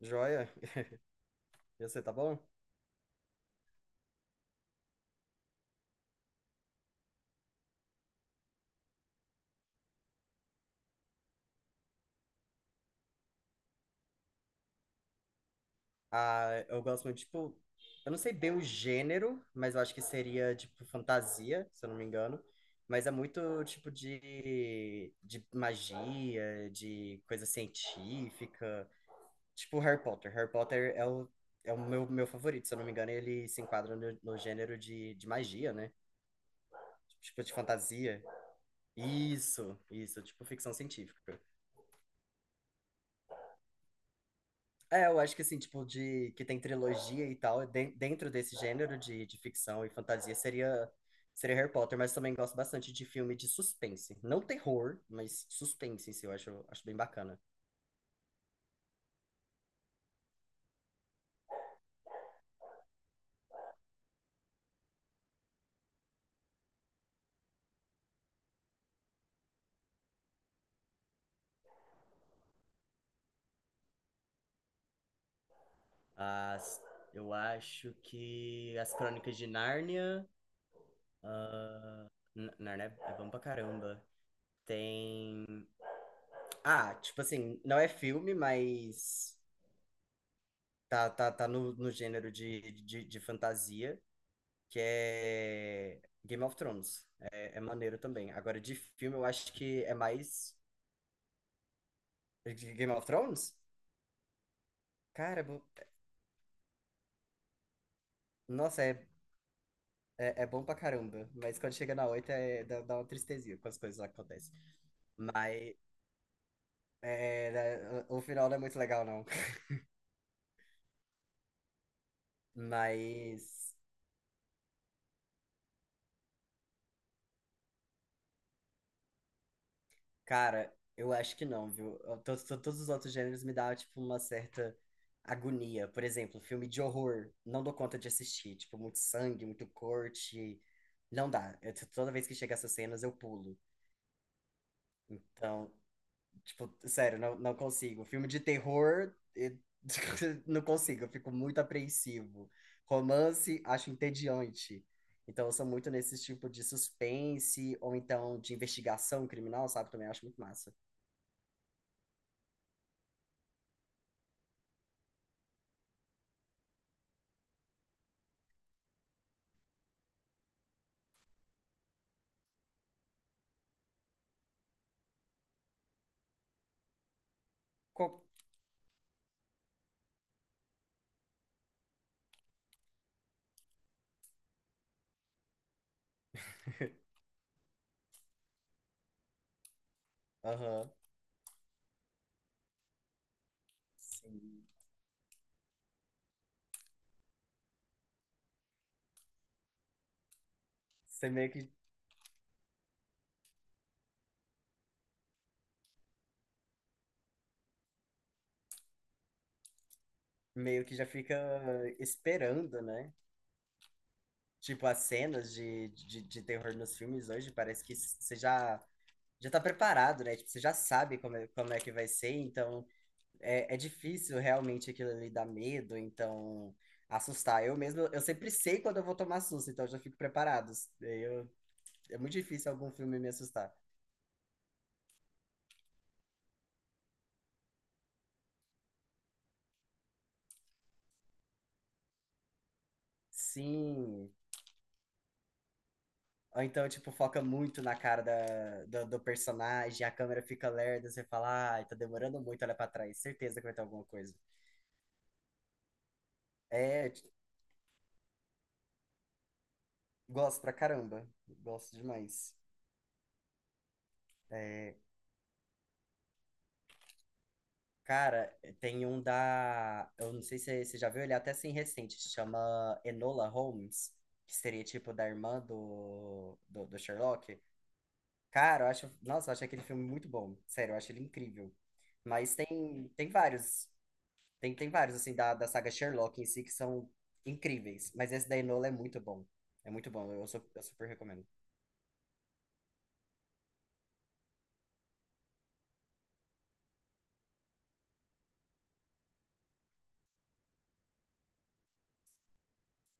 Joia? E você, tá bom? Ah, eu gosto muito, tipo, eu não sei bem o gênero, mas eu acho que seria, tipo, fantasia, se eu não me engano. Mas é muito, tipo, de magia, de coisa científica. Tipo, Harry Potter. Harry Potter é o, é o meu favorito, se eu não me engano, ele se enquadra no gênero de magia, né? Tipo, de fantasia. Isso, tipo, ficção científica. É, eu acho que assim, tipo, de que tem trilogia e tal, dentro desse gênero de ficção e fantasia seria Harry Potter, mas também gosto bastante de filme de suspense. Não terror, mas suspense em si, eu acho bem bacana. As, eu acho que As Crônicas de Nárnia. Nárnia é bom pra caramba. Tem. Ah, tipo assim, não é filme, mas tá no gênero de fantasia. Que é Game of Thrones. É maneiro também. Agora, de filme, eu acho que é mais. De Game of Thrones? Cara, nossa, é bom pra caramba. Mas quando chega na oito, dá uma tristezinha com as coisas que acontecem. Mas. Né, o final não é muito legal, não. Mas. Cara, eu acho que não, viu? Todos, os outros gêneros me dão, tipo, uma certa agonia. Por exemplo, filme de horror, não dou conta de assistir. Tipo, muito sangue, muito corte. Não dá. Toda vez que chega essas cenas, eu pulo. Então, tipo, sério, não, não consigo. Filme de terror, não consigo. Eu fico muito apreensivo. Romance, acho entediante. Então, eu sou muito nesse tipo de suspense, ou então de investigação criminal, sabe? Também acho muito massa. Aham, sim. Você meio que já fica esperando, né? Tipo, as cenas de terror nos filmes hoje, parece que você já tá preparado, né? Tipo, você já sabe como é que vai ser, então é difícil realmente aquilo ali dar medo, então assustar. Eu mesmo, eu sempre sei quando eu vou tomar susto, então eu já fico preparado. Eu, É muito difícil algum filme me assustar. Sim, ou então, tipo, foca muito na cara do personagem, a câmera fica lerda, você fala, ai, tá demorando muito, olha pra trás, certeza que vai ter alguma coisa. É, gosto pra caramba, gosto demais. É, cara, tem um eu não sei se você já viu, ele é até assim recente, se chama Enola Holmes, que seria tipo da irmã do Sherlock. Cara, eu acho, nossa, eu acho aquele filme muito bom, sério, eu acho ele incrível. Mas tem vários. Tem vários, assim, da saga Sherlock em si que são incríveis. Mas esse da Enola é muito bom. É muito bom. Eu super recomendo.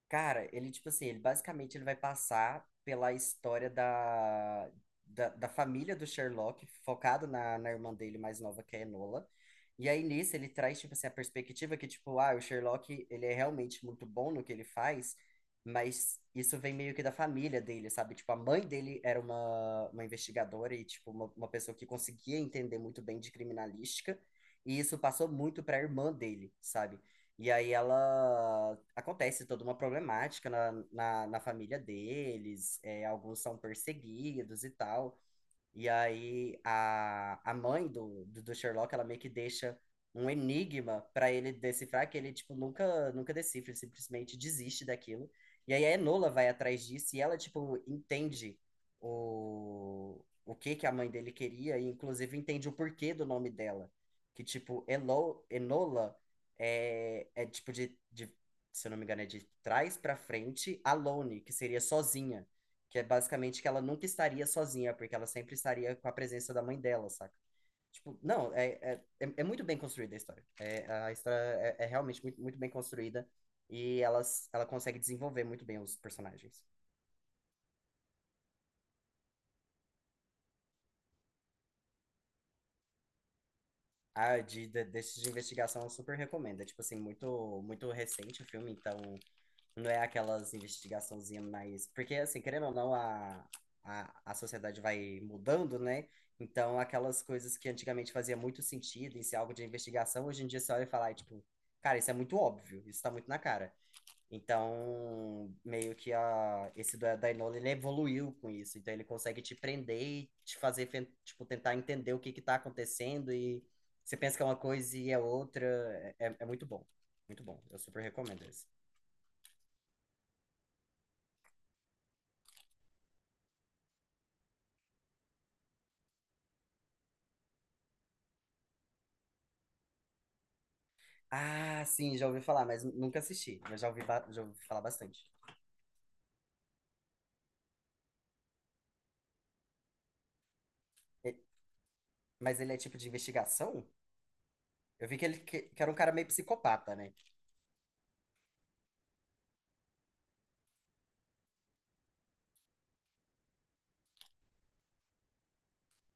Cara, tipo assim, ele basicamente ele vai passar pela história da família do Sherlock, focado na irmã dele mais nova, que é a Enola. E aí, nisso, ele traz, tipo assim, a perspectiva que, tipo, ah, o Sherlock, ele é realmente muito bom no que ele faz, mas isso vem meio que da família dele, sabe? Tipo, a mãe dele era uma investigadora e, tipo, uma pessoa que conseguia entender muito bem de criminalística, e isso passou muito para a irmã dele, sabe? E aí ela acontece toda uma problemática na família deles, alguns são perseguidos e tal. E aí a mãe do Sherlock, ela meio que deixa um enigma para ele decifrar que ele tipo nunca decifra, ele simplesmente desiste daquilo. E aí a Enola vai atrás disso e ela tipo entende o que que a mãe dele queria e inclusive entende o porquê do nome dela, que tipo Enola é tipo de se eu não me engano é de trás para frente, alone, que seria sozinha. Que é basicamente que ela nunca estaria sozinha, porque ela sempre estaria com a presença da mãe dela, saca? Tipo, não, é muito bem construída a história. É, a história é realmente muito, muito bem construída e ela consegue desenvolver muito bem os personagens. Desses de investigação eu super recomendo. É, tipo assim, muito, muito recente o filme, então não é aquelas investigaçãozinhas mais. Porque, assim, querendo ou não, a sociedade vai mudando, né? Então, aquelas coisas que antigamente fazia muito sentido em ser algo de investigação, hoje em dia você olha e fala, ai, tipo, cara, isso é muito óbvio, isso tá muito na cara. Então, meio que esse do da Enola, ele evoluiu com isso. Então, ele consegue te prender e te fazer, tipo, tentar entender o que que tá acontecendo e você pensa que é uma coisa e é outra. É muito bom. Muito bom. Eu super recomendo esse. Ah, sim, já ouvi falar, mas nunca assisti. Mas já ouvi, falar bastante. E- Mas ele é tipo de investigação? Eu vi que ele que era um cara meio psicopata, né?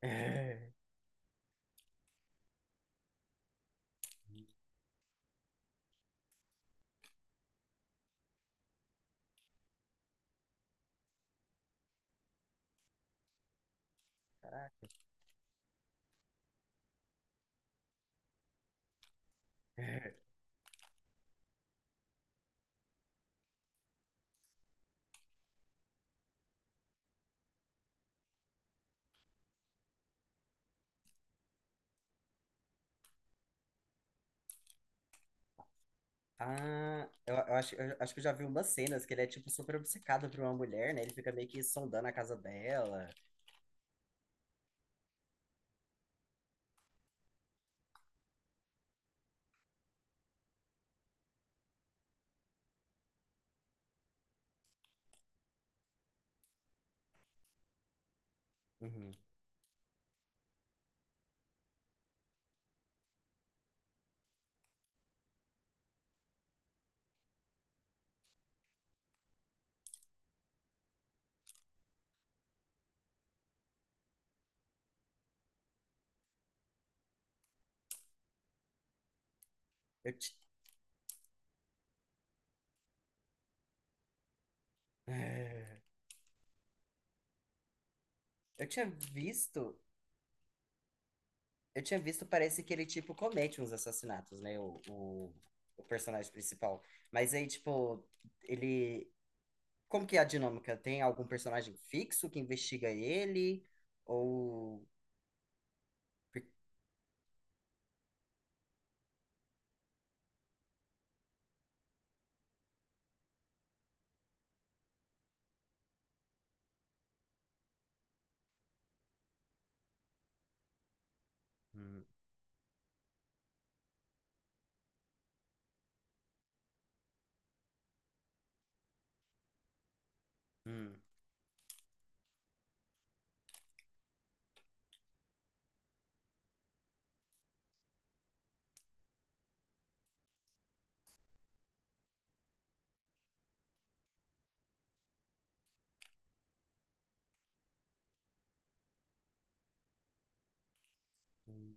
É. Ah, eu acho que eu já vi umas cenas que ele é tipo super obcecado por uma mulher, né? Ele fica meio que sondando a casa dela. Uhum. Eu, ti- eu tinha visto, eu tinha visto, parece que ele tipo comete uns assassinatos, né? O personagem principal. Mas aí, tipo, ele Como que é a dinâmica? Tem algum personagem fixo que investiga ele? Ou. Hum, hum, hum.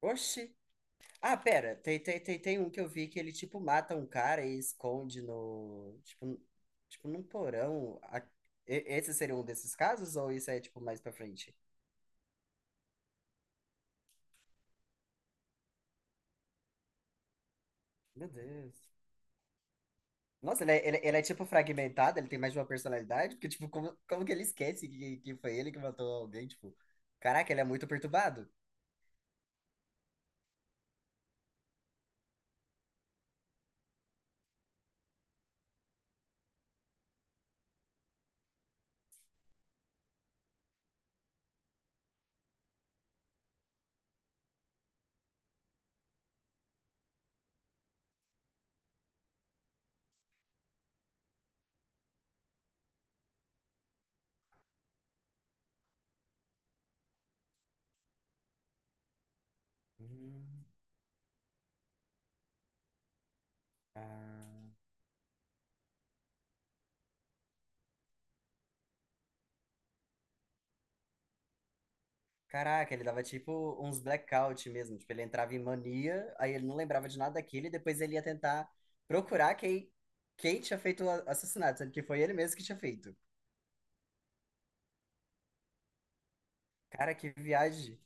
Oxi. Ah, pera, tem um que eu vi que ele, tipo, mata um cara e esconde no. Tipo, tipo num porão. Esse seria um desses casos? Ou isso é, tipo, mais pra frente? Meu Deus. Nossa, ele é, tipo, fragmentado, ele tem mais de uma personalidade? Porque, tipo, como que ele esquece que foi ele que matou alguém? Tipo, caraca, ele é muito perturbado. Hum, ah. Caraca, ele dava tipo uns blackout mesmo. Tipo, ele entrava em mania, aí ele não lembrava de nada daquilo e depois ele ia tentar procurar quem tinha feito o assassinato, sendo que foi ele mesmo que tinha feito. Cara, que viagem.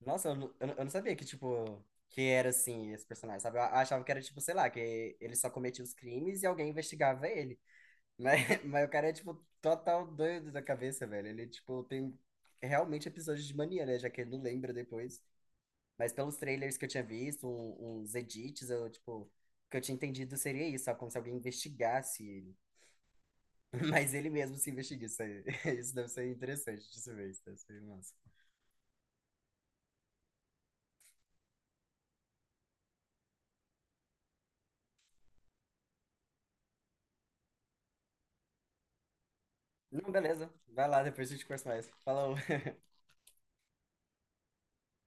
Nossa, eu não sabia que, tipo, que era assim esse personagem, sabe? Eu achava que era, tipo, sei lá, que ele só cometia os crimes e alguém investigava ele. Mas, mas o cara é, tipo, total doido da cabeça, velho. Ele, tipo, tem realmente episódios de mania, né? Já que ele não lembra depois. Mas pelos trailers que eu tinha visto, uns edits, tipo, o que eu tinha entendido seria isso, só como se alguém investigasse ele. Mas ele mesmo se investiga. Isso, isso deve ser interessante de se ver, isso deve ser massa. Não, beleza. Vai lá, depois a gente conversa mais. Falou.